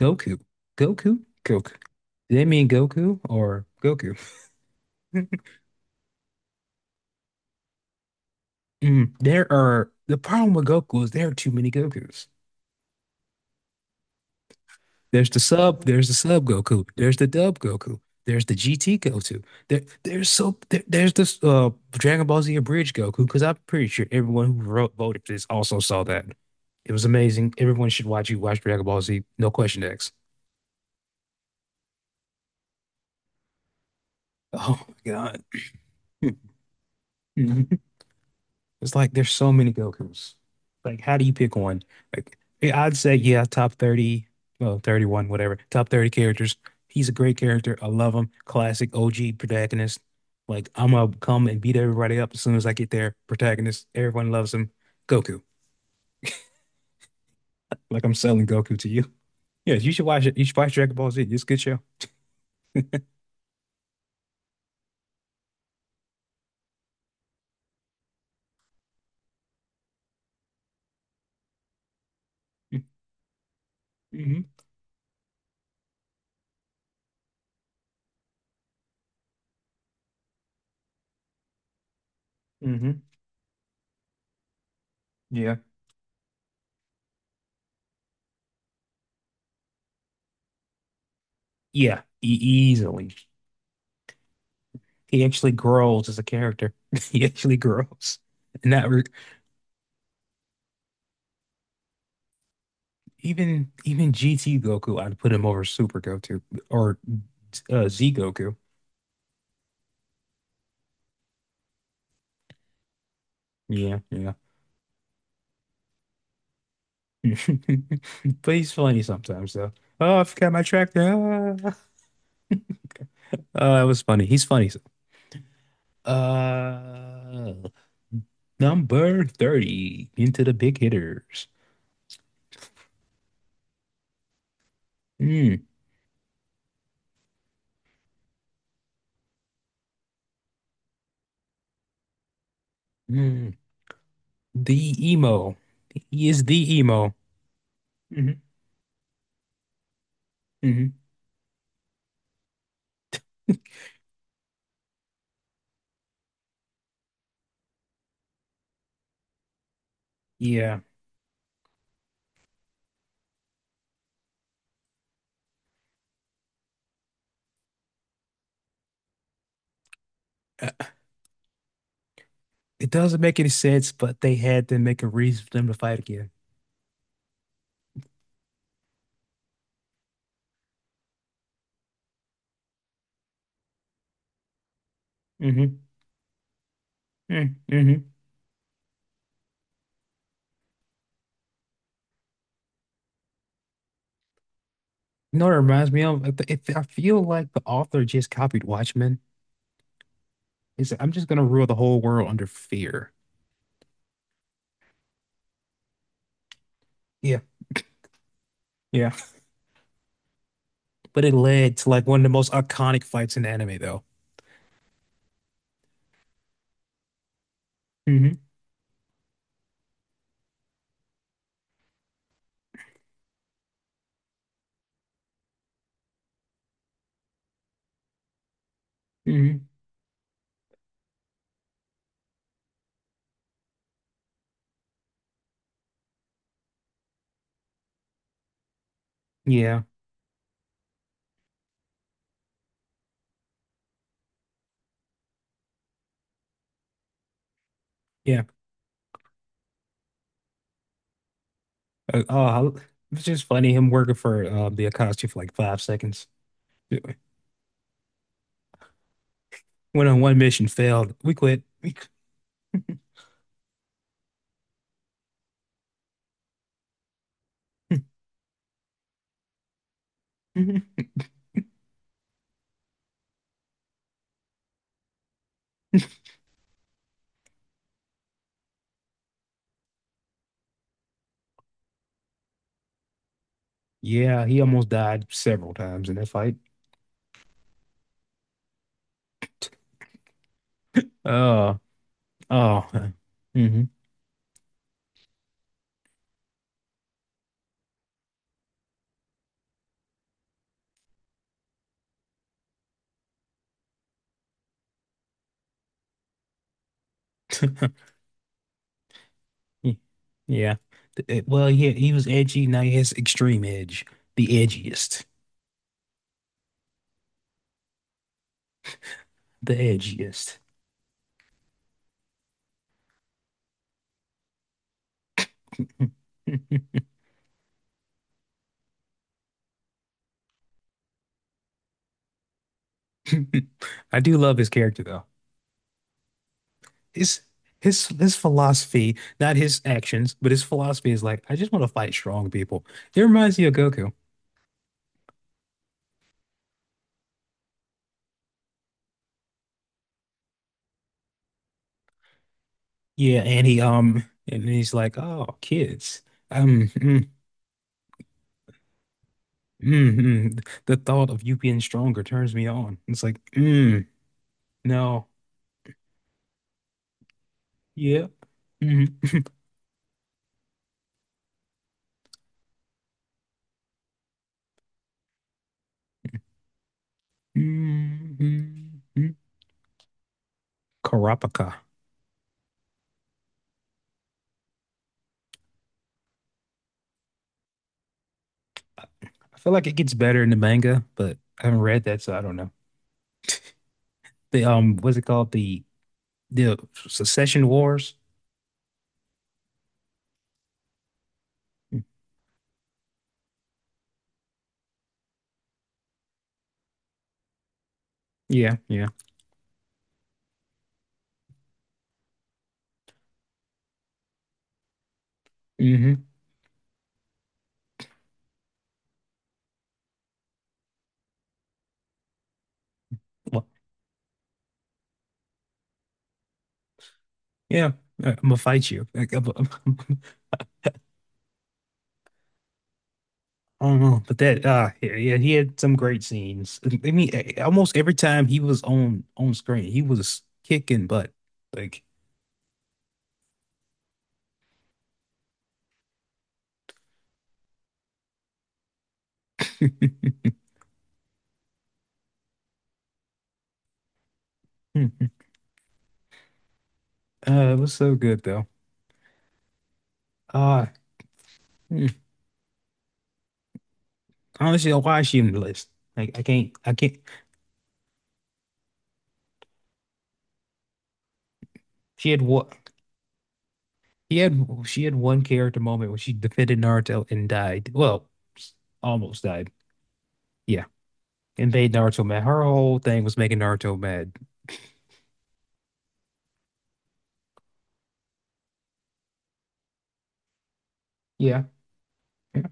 Goku. Goku? Goku. Did they mean Goku or Goku? Mm, the problem with Goku is there are too many Gokus. There's the sub, Goku, there's the dub Goku, there's the GT Goku. There's this Dragon Ball Z Abridged Goku because I'm pretty sure everyone voted for this also saw that. It was amazing. Everyone should watch Dragon Ball Z. No question X. Oh my God. It's like there's so many Gokus. Like, how do you pick one? Like, yeah, I'd say, yeah, top 30, well, 31, whatever, top 30 characters. He's a great character. I love him. Classic OG protagonist. Like, I'm gonna come and beat everybody up as soon as I get there. Protagonist, everyone loves him. Goku. Like, I'm selling Goku to you. Yeah, you should watch it. You should watch Dragon Ball Z. It's a good show. Hmm. Hmm. Yeah. Yeah, e easily. He actually grows as a character. He actually grows. And that re even GT Goku, I'd put him over Super Goku or Z Goku. Yeah, yeah. But he's funny sometimes though. Oh, I forgot my track there. Ah. Oh, that was funny. He's funny. Uh, Number 30 into the big hitters. Mm, mm. The emo. He is the emo. Hmm. Hmm. Yeah. Uh, it doesn't make any sense, but they had to make a reason for them to fight again. Mm-hmm. Mm-hmm. You know what it reminds me of? I feel like the author just copied Watchmen. It's I'm just gonna rule the whole world under fear. Yeah, yeah. But it led to like one of the most iconic fights in anime, though. Hmm. Hmm. Yeah, yeah. Oh, it's just funny him working for the Akatsuki for like 5 seconds. Went on one mission, failed. We quit. Mhm. Yeah, he almost died several times in that fight. Oh, oh. hmm. Y- Yeah. Th- Well, yeah, he was edgy. Now he has extreme edge. The edgiest. The edgiest. I do love his character though. His his philosophy, not his actions, but his philosophy is like, I just want to fight strong people. It reminds me of Goku. Yeah, and he and he's like, oh, kids. Mm, mm, mm. The thought of you being stronger turns me on. It's like, mm, no. Yep. Mm, mm, mm, mm. Kurapika. I feel like it gets better in the manga, but I haven't read that, so I don't know. The what's it called? The Secession Wars. Yeah, yeah. Mm-hmm. Well, yeah. I'm gonna fight you. Like, I don't know, but that yeah, yeah, he had some great scenes. I mean, eh, almost every time he was on screen, he was kicking butt. Like, hmm. Uh, it was so good though. Uh, hmm. I honestly, don't know why is she on the list? Like, I can't. She had what? He had she had one character moment when she defended Naruto and died. Well, almost died. Yeah, and made Naruto mad. Her whole thing was making Naruto mad. Yeah, yeah,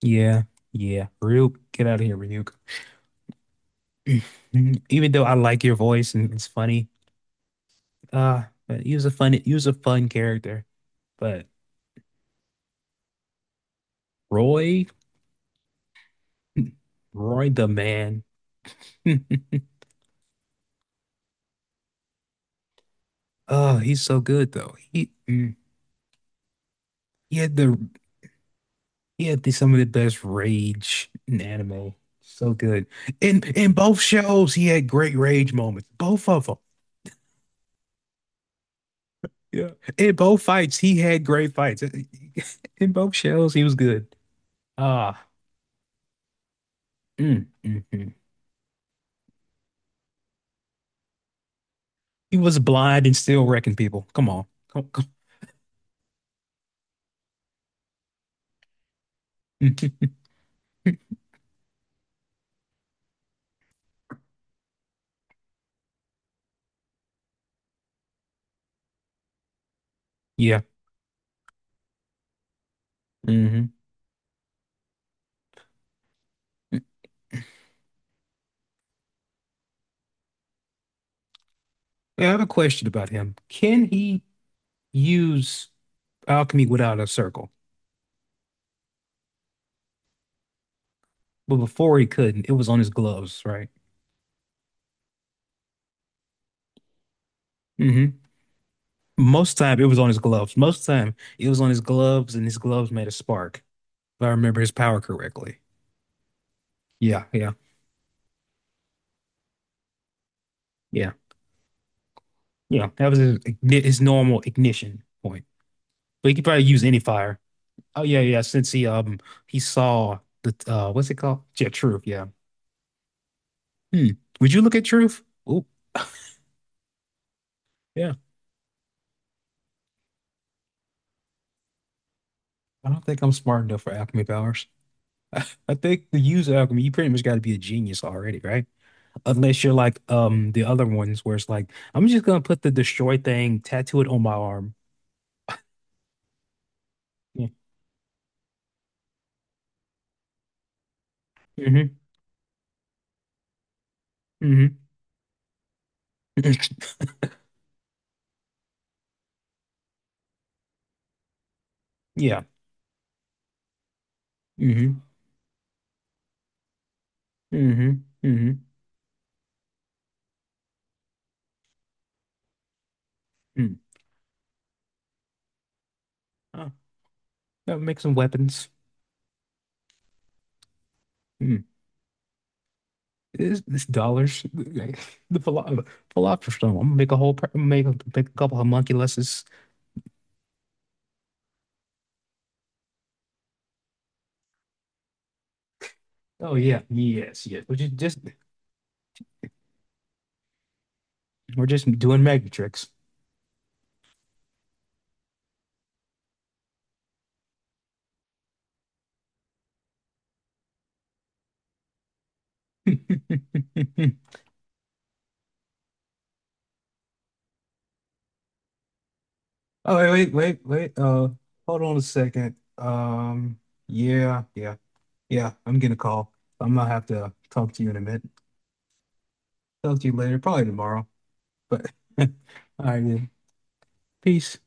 yeah. Yeah. Ryuk, get out of here, Ryuk. Even though I like your voice and it's funny, but he was a fun character. But Roy, Roy the man. Oh, he's so good though. He had the He had some of the best rage in anime. So good. In both shows, he had great rage moments. Both of them. Yeah. In both fights, he had great fights. In both shows, he was good. Ah, mm, mm, mm. He was blind and still wrecking people. Come on. Come. Mhm. Yeah. Hmm. I have a question about him. Can he use alchemy without a circle? But before he couldn't, it was on his gloves, right? Hmm. Most time it was on his gloves. Most time it was on his gloves, and his gloves made a spark, if I remember his power correctly. Yeah, yeah, yeah, yeah. That was his, his normal ignition point. But he could probably use any fire. Oh yeah, yeah. Since he saw the what's it called? Yeah, truth. Yeah. Hmm. Would you look at truth? Oh yeah. I don't think I'm smart enough for alchemy powers. I think to use alchemy, you pretty much got to be a genius already, right? Unless you're like the other ones where it's like, I'm just gonna put the destroy thing, tattoo it on my arm. Yeah. Mm-hmm. Mm-hmm. Yeah. Mm-hmm. Mm-hmm. Mm-hmm. Mm. Huh. That make some weapons. Mm. It's dollars. The philosopher's stone. I'm gonna make a whole make a, make a couple homunculuses. Oh yeah. Yes, yes. We're just doing magic tricks. Oh wait, wait. Hold on a second. Yeah, yeah. Yeah, I'm gonna call. I'm gonna have to talk to you in a minute. Talk to you later, probably tomorrow. But all right, then. Peace.